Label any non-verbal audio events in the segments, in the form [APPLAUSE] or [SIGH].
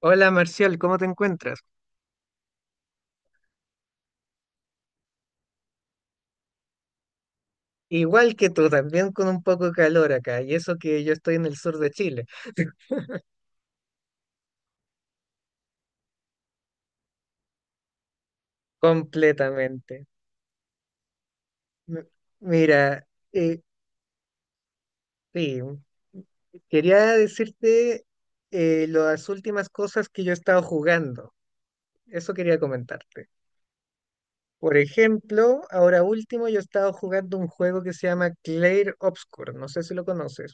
Hola Marcial, ¿cómo te encuentras? Igual que tú, también con un poco de calor acá, y eso que yo estoy en el sur de Chile, [LAUGHS] completamente. M- Mira, eh, sí, quería decirte las últimas cosas que yo he estado jugando, eso quería comentarte. Por ejemplo, ahora último yo he estado jugando un juego que se llama Clair Obscur, no sé si lo conoces.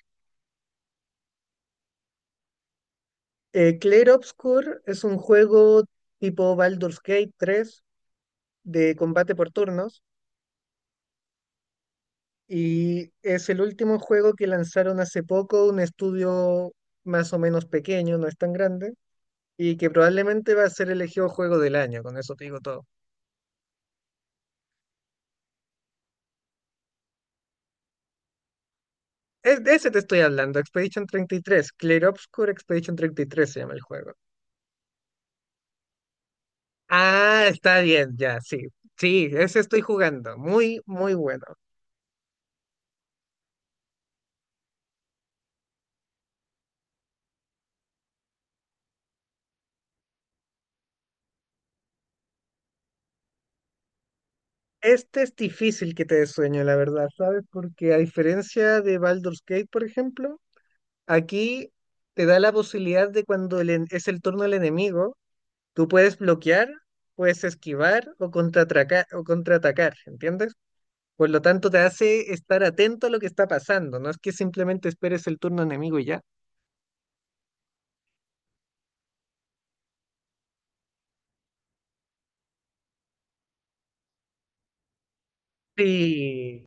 Clair Obscur es un juego tipo Baldur's Gate 3 de combate por turnos y es el último juego que lanzaron hace poco, un estudio más o menos pequeño, no es tan grande, y que probablemente va a ser elegido juego del año, con eso te digo todo. Es, de ese te estoy hablando, Expedition 33, Clear Obscure Expedition treinta y tres se llama el juego. Ah, está bien, ya, sí. Sí, ese estoy jugando, muy, muy bueno. Este es difícil que te dé sueño, la verdad, ¿sabes? Porque a diferencia de Baldur's Gate, por ejemplo, aquí te da la posibilidad de cuando es el turno del enemigo, tú puedes bloquear, puedes esquivar o contraatacar, ¿entiendes? Por lo tanto, te hace estar atento a lo que está pasando, no es que simplemente esperes el turno enemigo y ya. Sí,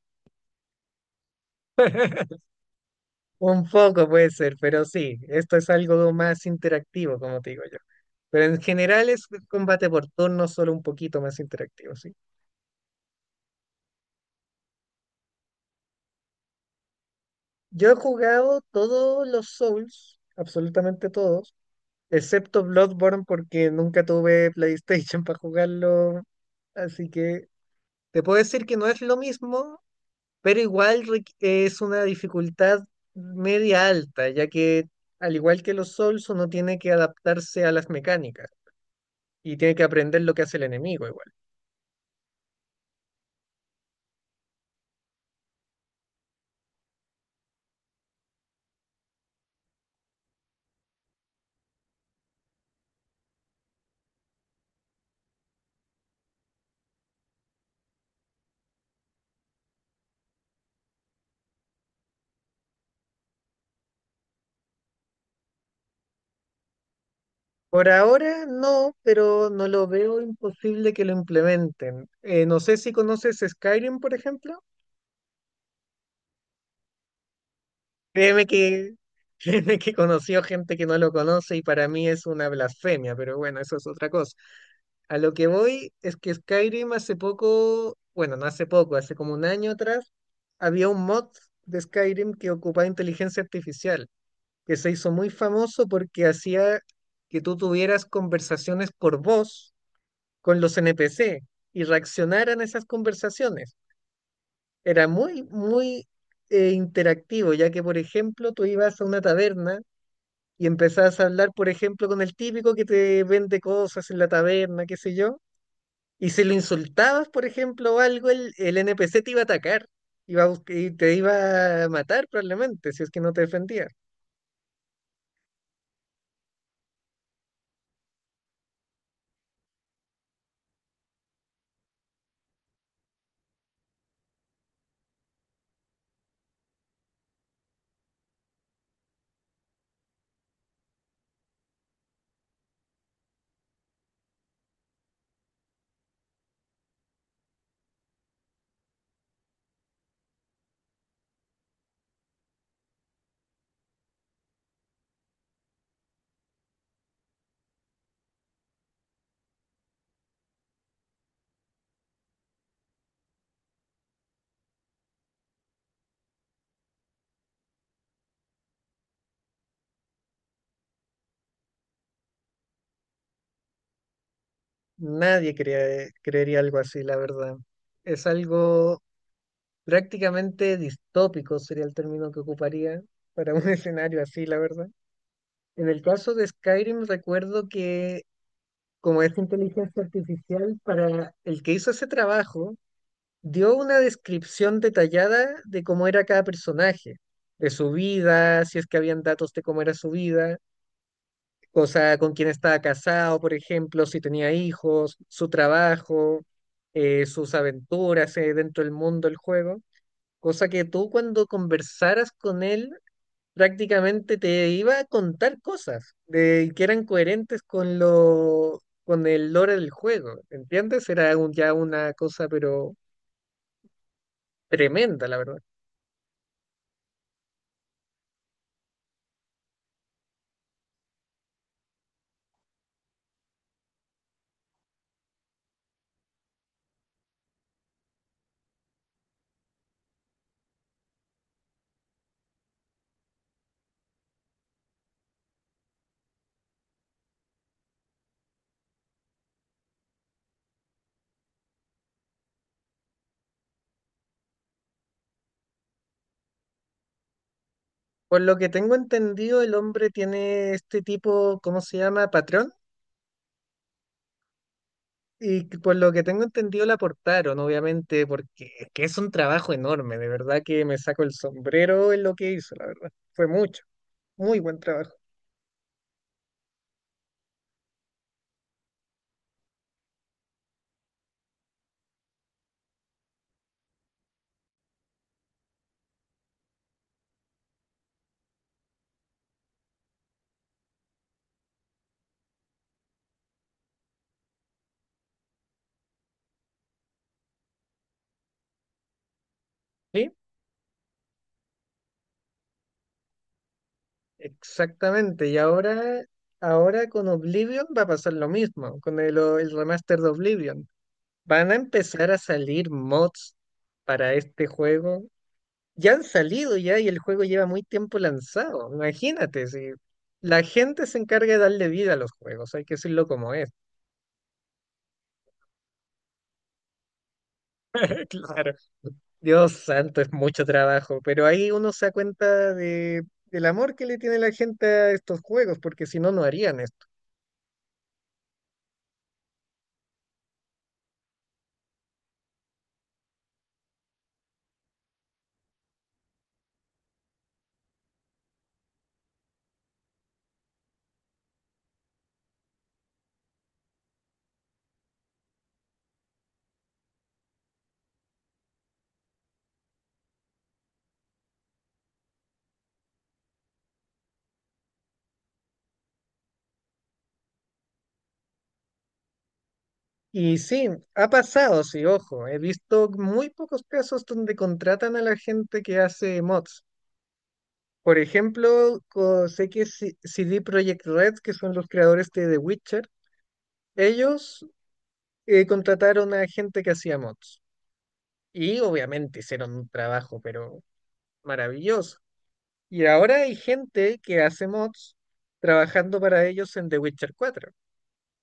un poco puede ser, pero sí, esto es algo más interactivo, como te digo yo. Pero en general es combate por turnos, solo un poquito más interactivo, sí. Yo he jugado todos los Souls, absolutamente todos. Excepto Bloodborne porque nunca tuve PlayStation [LAUGHS] para jugarlo. Así que te puedo decir que no es lo mismo, pero igual es una dificultad media alta, ya que al igual que los Souls, uno tiene que adaptarse a las mecánicas y tiene que aprender lo que hace el enemigo igual. Por ahora no, pero no lo veo imposible que lo implementen. No sé si conoces Skyrim, por ejemplo. Créeme que, [LAUGHS] créeme que conoció gente que no lo conoce y para mí es una blasfemia, pero bueno, eso es otra cosa. A lo que voy es que Skyrim hace poco, bueno, no hace poco, hace como un año atrás, había un mod de Skyrim que ocupaba inteligencia artificial, que se hizo muy famoso porque hacía que tú tuvieras conversaciones por voz con los NPC y reaccionaran a esas conversaciones. Era muy, muy interactivo, ya que, por ejemplo, tú ibas a una taberna y empezás a hablar, por ejemplo, con el típico que te vende cosas en la taberna, qué sé yo, y si lo insultabas, por ejemplo, o algo, el NPC te iba a atacar, y te iba a matar probablemente, si es que no te defendía. Nadie creería algo así, la verdad. Es algo prácticamente distópico, sería el término que ocuparía para un [LAUGHS] escenario así, la verdad. En el caso de Skyrim, recuerdo que como es inteligencia artificial, para el que hizo ese trabajo, dio una descripción detallada de cómo era cada personaje, de su vida, si es que habían datos de cómo era su vida, o sea, con quién estaba casado, por ejemplo, si tenía hijos, su trabajo, sus aventuras dentro del mundo del juego, cosa que tú cuando conversaras con él prácticamente te iba a contar cosas de, que eran coherentes con lo... con el lore del juego, ¿entiendes? Era ya una cosa, pero tremenda, la verdad. Por lo que tengo entendido, el hombre tiene este tipo, ¿cómo se llama? Patrón. Y que por lo que tengo entendido, la aportaron, obviamente, porque es que es un trabajo enorme. De verdad que me saco el sombrero en lo que hizo, la verdad. Fue mucho, muy buen trabajo. Sí, exactamente. Y ahora, ahora con Oblivion va a pasar lo mismo, con el remaster de Oblivion. Van a empezar a salir mods para este juego. Ya han salido ya y el juego lleva muy tiempo lanzado. Imagínate, si la gente se encarga de darle vida a los juegos, hay que decirlo como es. [LAUGHS] Claro, Dios santo, es mucho trabajo, pero ahí uno se da cuenta de, del amor que le tiene la gente a estos juegos, porque si no, no harían esto. Y sí, ha pasado, sí, ojo, he visto muy pocos casos donde contratan a la gente que hace mods. Por ejemplo, sé que CD Projekt Red, que son los creadores de The Witcher, ellos contrataron a gente que hacía mods. Y obviamente hicieron un trabajo, pero maravilloso. Y ahora hay gente que hace mods trabajando para ellos en The Witcher 4.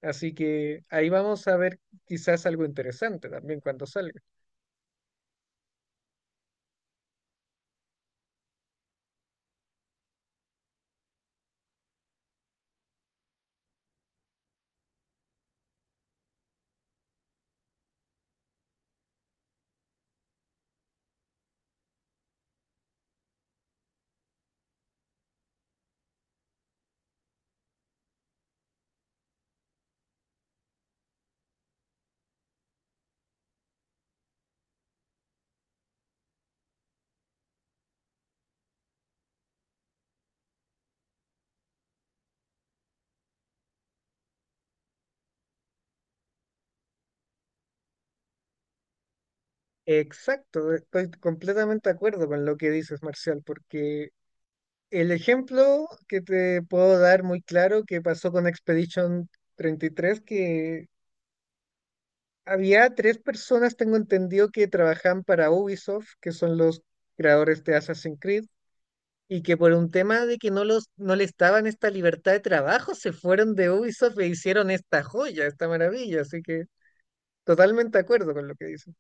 Así que ahí vamos a ver quizás algo interesante también cuando salga. Exacto, estoy completamente de acuerdo con lo que dices, Marcial, porque el ejemplo que te puedo dar muy claro que pasó con Expedition 33 que había tres personas, tengo entendido, que trabajan para Ubisoft, que son los creadores de Assassin's Creed, y que por un tema de que no, no les daban esta libertad de trabajo, se fueron de Ubisoft e hicieron esta joya, esta maravilla. Así que totalmente de acuerdo con lo que dicen.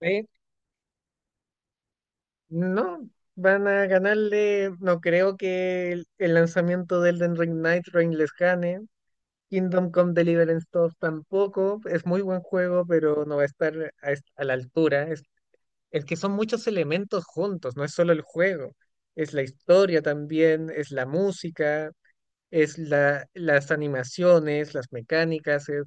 Eh, No, van a ganarle, no creo que el lanzamiento de Elden Ring Night Rain les gane. Kingdom Come Deliverance 2 tampoco, es muy buen juego, pero no va a estar a la altura. El que son muchos elementos juntos, no es solo el juego, es la historia también, es la música, es las animaciones, las mecánicas, es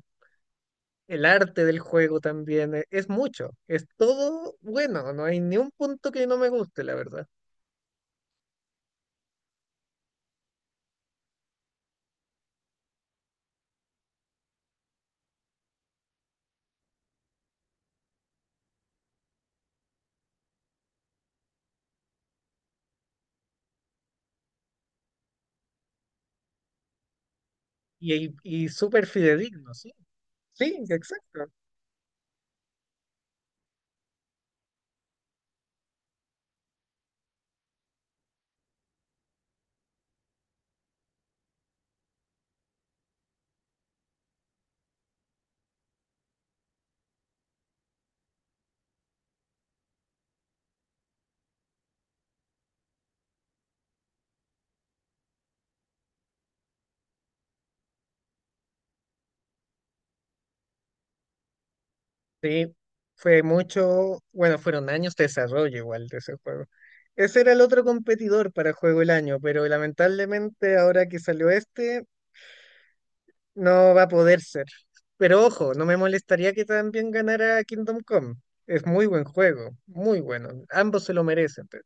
el arte del juego también, es mucho, es todo bueno, no hay ni un punto que no me guste, la verdad. Y súper fidedigno, sí. Sí, exacto. Sí, fue mucho, bueno, fueron años de desarrollo igual de ese juego. Ese era el otro competidor para Juego del Año, pero lamentablemente ahora que salió este, no va a poder ser. Pero ojo, no me molestaría que también ganara Kingdom Come. Es muy buen juego, muy bueno. Ambos se lo merecen. Pero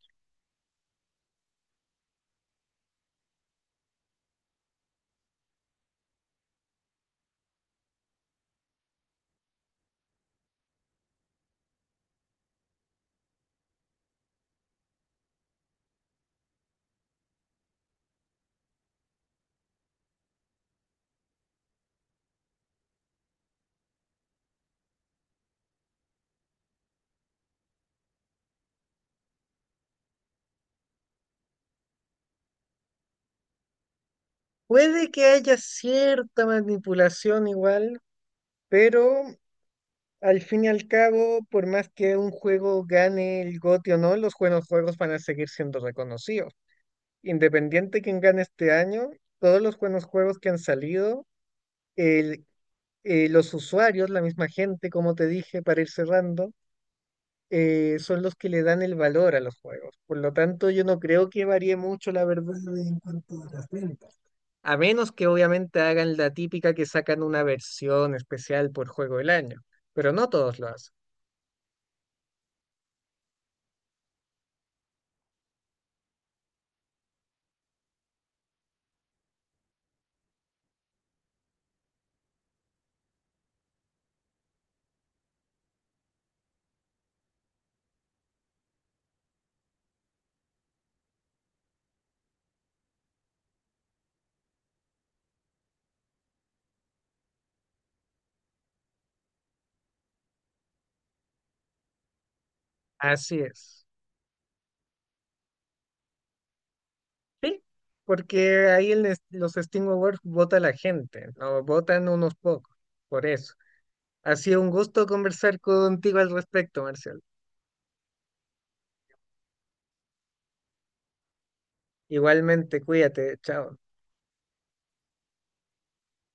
puede que haya cierta manipulación igual, pero al fin y al cabo, por más que un juego gane el GOTY o no, los buenos juegos van a seguir siendo reconocidos. Independiente quien gane este año, todos los buenos juegos que han salido, el- los usuarios, la misma gente, como te dije, para ir cerrando son los que le dan el valor a los juegos. Por lo tanto, yo no creo que varíe mucho la verdad en cuanto a las ventas. A menos que obviamente hagan la típica que sacan una versión especial por juego del año, pero no todos lo hacen. Así es. Sí, porque ahí los Steam Awards vota la gente, no votan unos pocos, por eso. Ha sido un gusto conversar contigo al respecto, Marcial. Igualmente, cuídate, chao.